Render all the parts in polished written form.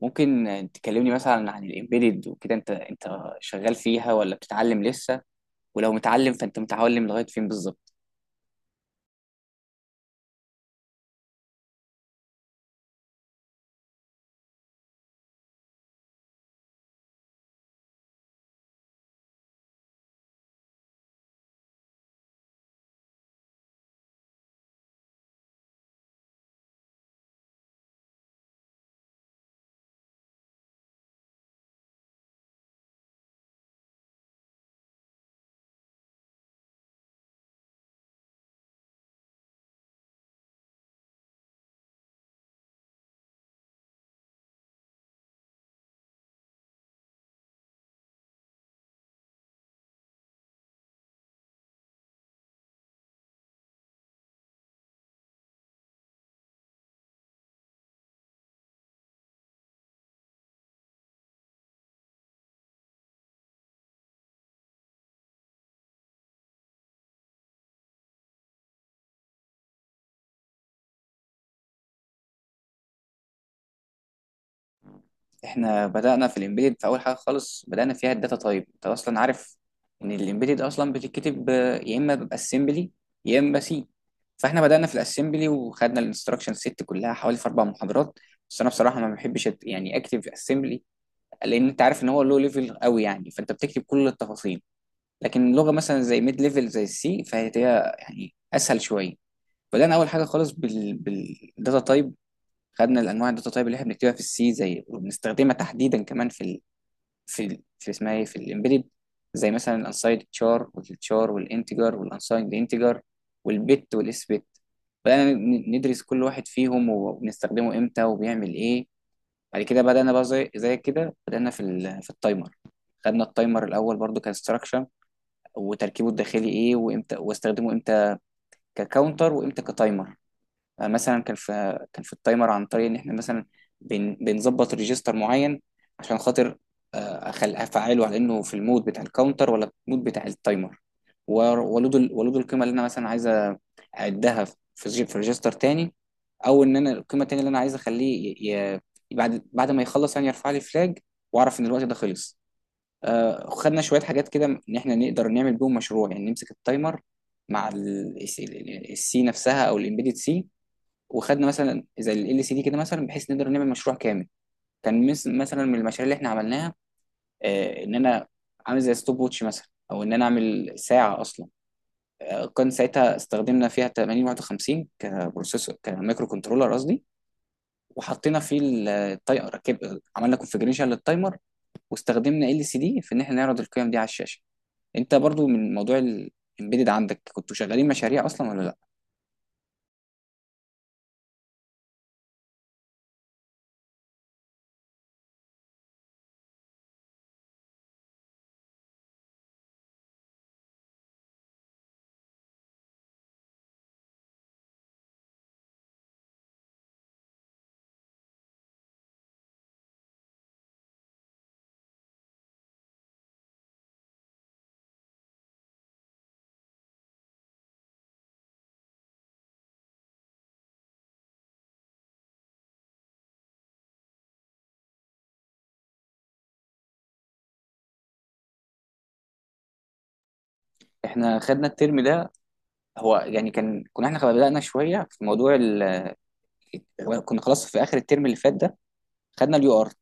ممكن تكلمني مثلا عن الامبيدد وكده انت شغال فيها ولا بتتعلم لسه؟ ولو متعلم فانت متعلم لغايه فين بالظبط؟ احنا بدأنا في الامبيدد في اول حاجه خالص بدأنا فيها الداتا تايب. انت اصلا عارف ان الامبيدد اصلا بتتكتب يا اما باسمبلي يا اما سي. فاحنا بدأنا في الاسمبلي وخدنا الانستراكشن سيت كلها حوالي في اربع محاضرات. بس انا بصراحه ما بحبش يعني اكتب اسمبلي، لان انت عارف ان هو لو ليفل قوي يعني فانت بتكتب كل التفاصيل. لكن لغه مثلا زي ميد ليفل زي السي فهي هي يعني اسهل شويه. بدانا اول حاجه خالص بالداتا تايب. خدنا الانواع الداتا تايب اللي احنا بنكتبها في السي زي وبنستخدمها تحديدا كمان في اسمها ايه في الامبيدد، زي مثلا الانسايد تشار والتشار والانتجر والانسايد انتجر والبت والاس بت. بدانا ندرس كل واحد فيهم وبنستخدمه امتى وبيعمل ايه. بعد كده بدانا بقى زي كده بدانا في التايمر. خدنا التايمر الاول برضو كانستراكشن، وتركيبه الداخلي ايه، وامتى واستخدمه امتى، ككاونتر وامتى كتايمر. مثلا كان في كان في التايمر عن طريق ان احنا مثلا بنظبط ريجستر معين، عشان خاطر افعله على انه في المود بتاع الكاونتر ولا المود بتاع التايمر. و- ولود القيمه اللي انا مثلا عايزه اعدها في ريجستر تاني. او ان انا القيمه التانيه اللي انا عايز اخليه بعد ما يخلص يعني يرفع لي فلاج، واعرف ان الوقت ده خلص. خدنا شوية حاجات كده إن إحنا نقدر نعمل بيهم مشروع، يعني نمسك التايمر مع السي نفسها أو الإمبيدد سي. وخدنا مثلا زي ال سي دي كده، مثلا بحيث نقدر نعمل مشروع كامل. كان مثلا من المشاريع اللي إحنا عملناها إن أنا عامل زي ستوب ووتش مثلا، أو إن أنا أعمل ساعة أصلا. كان ساعتها استخدمنا فيها 8051 كبروسيسور كمايكرو كنترولر قصدي، وحطينا فيه التايمر ركب، عملنا كونفجريشن للتايمر. واستخدمنا ال سي دي في ان احنا نعرض القيم دي على الشاشه. انت برضو من موضوع الامبيدد عندك، كنتوا شغالين مشاريع اصلا ولا لا؟ احنا خدنا الترم ده هو يعني كان كنا احنا بدأنا شويه في موضوع كنا خلاص في اخر الترم اللي فات ده خدنا اليو ار،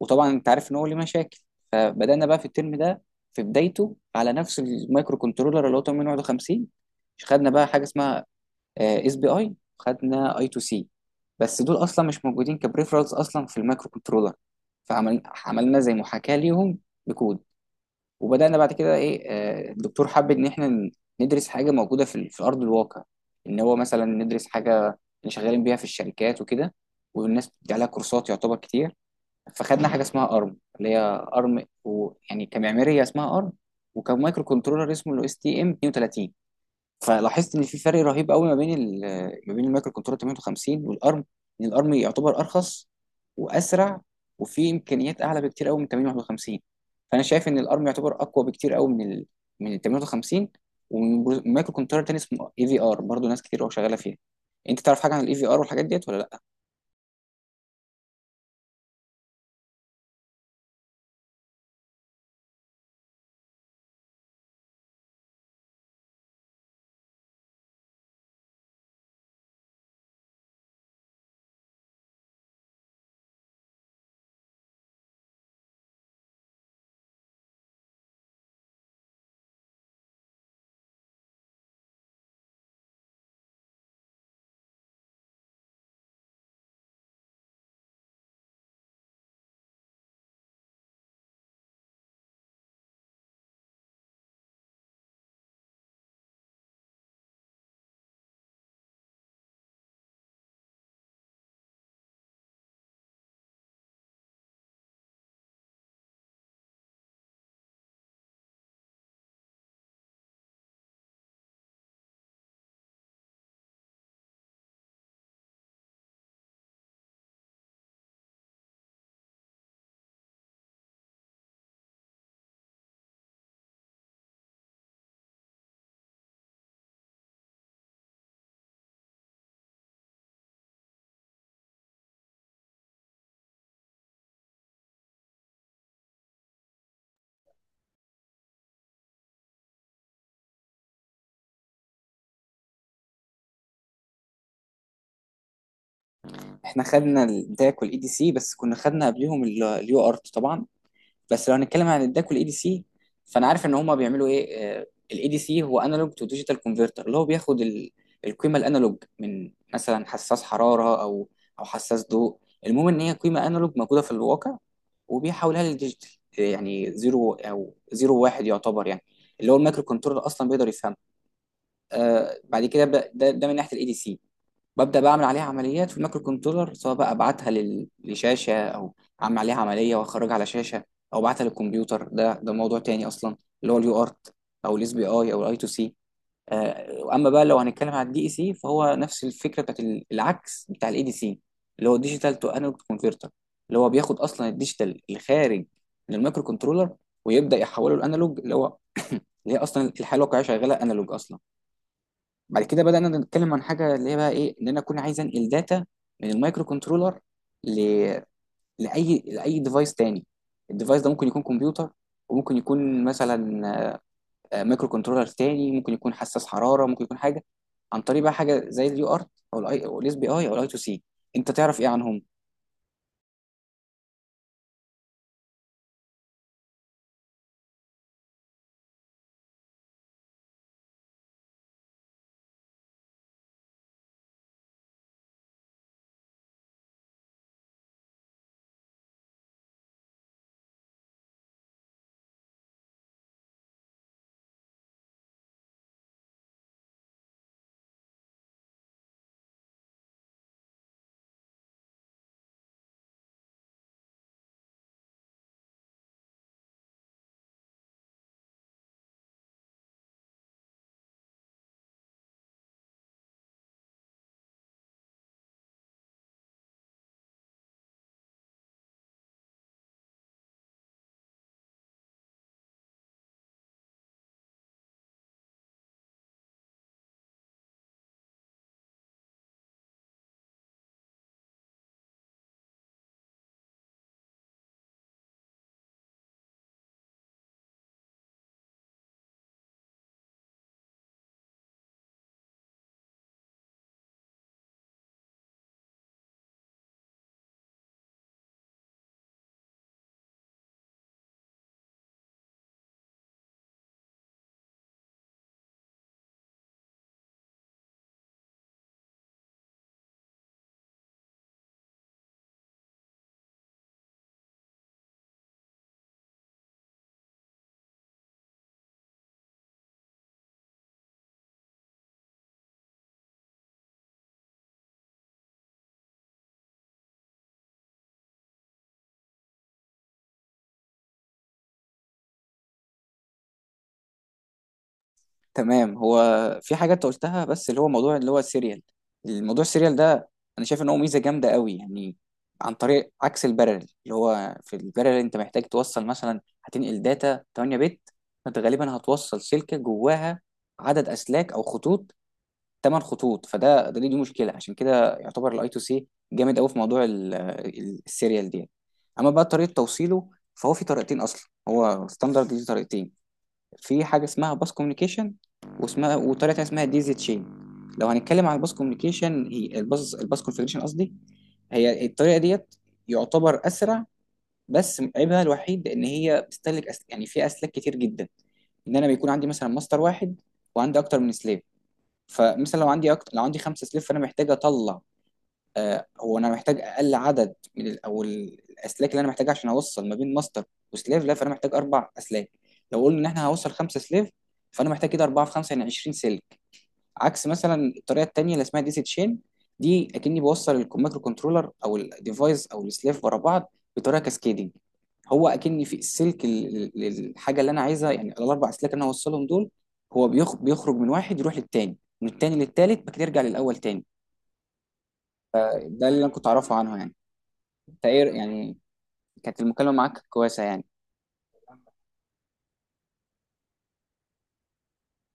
وطبعا انت عارف ان هو ليه مشاكل. فبدأنا بقى في الترم ده في بدايته على نفس المايكرو كنترولر اللي هو 8051. خدنا بقى حاجه اسمها اس بي اي، خدنا اي تو سي. بس دول اصلا مش موجودين كبريفرالز اصلا في المايكرو كنترولر، فعملنا زي محاكاه ليهم بكود. وبدأنا بعد كده ايه الدكتور حب ان احنا ندرس حاجة موجودة في ارض الواقع. ان هو مثلا ندرس حاجة اللي شغالين بيها في الشركات وكده، والناس بتدي عليها كورسات يعتبر كتير. فخدنا حاجة اسمها ارم، اللي هي ارم ويعني كمعمارية اسمها ارم، وكمايكرو كنترولر اسمه الاو اس تي ام 32. فلاحظت ان في فرق رهيب قوي ما بين المايكرو كنترول 58 والارم. ان الارم يعتبر ارخص واسرع، وفي امكانيات اعلى بكتير قوي من 58. فانا شايف ان الارم يعتبر اقوى بكتير قوي من ال 58، ومن مايكرو كنترول تاني اسمه اي في ار، برضه ناس كتير قوي شغاله فيها. انت تعرف حاجه عن الاي في ار والحاجات ديت ولا لا؟ احنا خدنا الداك والاي دي سي، بس كنا خدنا قبليهم اليو ارت طبعا. بس لو هنتكلم عن الداك والاي دي سي، فانا عارف ان هما بيعملوا ايه. الاي دي سي هو انالوج تو ديجيتال كونفرتر، اللي هو بياخد القيمه الانالوج من مثلا حساس حراره او او حساس ضوء. المهم ان هي قيمه انالوج موجوده في الواقع، وبيحولها للديجيتال، يعني زيرو او زيرو واحد، يعتبر يعني اللي هو المايكرو كنترول اصلا بيقدر يفهمه. آه بعد كده ده من ناحيه الاي دي سي. ببدأ بقى أعمل عليها عمليات في المايكرو كنترولر، سواء بقى أبعتها لشاشة، أو أعمل عليها عملية وأخرجها على شاشة، أو أبعتها للكمبيوتر. ده موضوع تاني أصلا، اللي هو اليو ارت أو الاس بي أي أو الاي تو سي. أما بقى لو هنتكلم على الدي إي سي، فهو نفس الفكرة بتاعت العكس بتاع الإي دي سي، اللي هو ديجيتال تو انالوج كونفرتر، اللي هو بياخد أصلا الديجيتال الخارج من المايكرو كنترولر، ويبدأ يحوله الأنالوج اللي هو اللي هي أصلا الحالة الواقعية شغالة أنالوج أصلا. بعد كده بدأنا نتكلم عن حاجة اللي هي بقى إيه، إن أنا أكون عايز أنقل داتا من المايكرو كنترولر ل... لأي ديفايس تاني. الديفايس ده ممكن يكون كمبيوتر، وممكن يكون مثلا مايكرو كنترولر تاني، ممكن يكون حساس حرارة، ممكن يكون حاجة، عن طريق بقى حاجة زي اليو ارت أو الاي أو الاس بي آي أو الاي تو سي. أنت تعرف إيه عنهم؟ تمام. هو في حاجه انت قلتها بس اللي هو موضوع اللي هو السيريال. الموضوع السيريال ده انا شايف ان هو ميزه جامده قوي يعني، عن طريق عكس البارل، اللي هو في البارل انت محتاج توصل مثلا هتنقل داتا 8 بت، فانت غالبا هتوصل سلكه جواها عدد اسلاك او خطوط، 8 خطوط. فده ده دي دي مشكله. عشان كده يعتبر الاي تو سي جامد قوي في موضوع السيريال دي. اما بقى طريقه توصيله، فهو في طريقتين اصلا، هو ستاندرد ليه طريقتين. في حاجة اسمها باس كوميونيكيشن، واسمها وطريقة تانية اسمها دي زي تشين. لو هنتكلم عن الباس كوميونيكيشن، هي الباس كونفيجريشن قصدي، هي الطريقة ديت يعتبر أسرع. بس عيبها الوحيد إن هي بتستهلك يعني فيها أسلاك كتير جدا. إن أنا بيكون عندي مثلا ماستر واحد، وعندي أكتر من سليف. فمثلا لو عندي خمسة سليف، فأنا محتاج أطلع هو انا محتاج اقل عدد من الاسلاك اللي انا محتاجها عشان اوصل ما بين ماستر وسليف. لا، فانا محتاج اربع اسلاك. لو قلنا ان احنا هوصل خمسه سليف، فانا محتاج كده اربعه في خمسه، يعني 20 سلك. عكس مثلا الطريقه التانيه اللي اسمها ديسي تشين، دي اكني بوصل المايكرو كنترولر او الديفايس او السليف ورا بعض بطريقه كاسكيدنج. هو اكني في السلك الحاجه اللي انا عايزها، يعني الاربع اسلاك اللي انا هوصلهم دول، هو بيخرج من واحد، يروح للتاني، من التاني للتالت، بعد كده يرجع للاول تاني. ده اللي انا كنت اعرفه عنها يعني. انت ايه يعني؟ كانت المكالمة معاك كويسة يعني.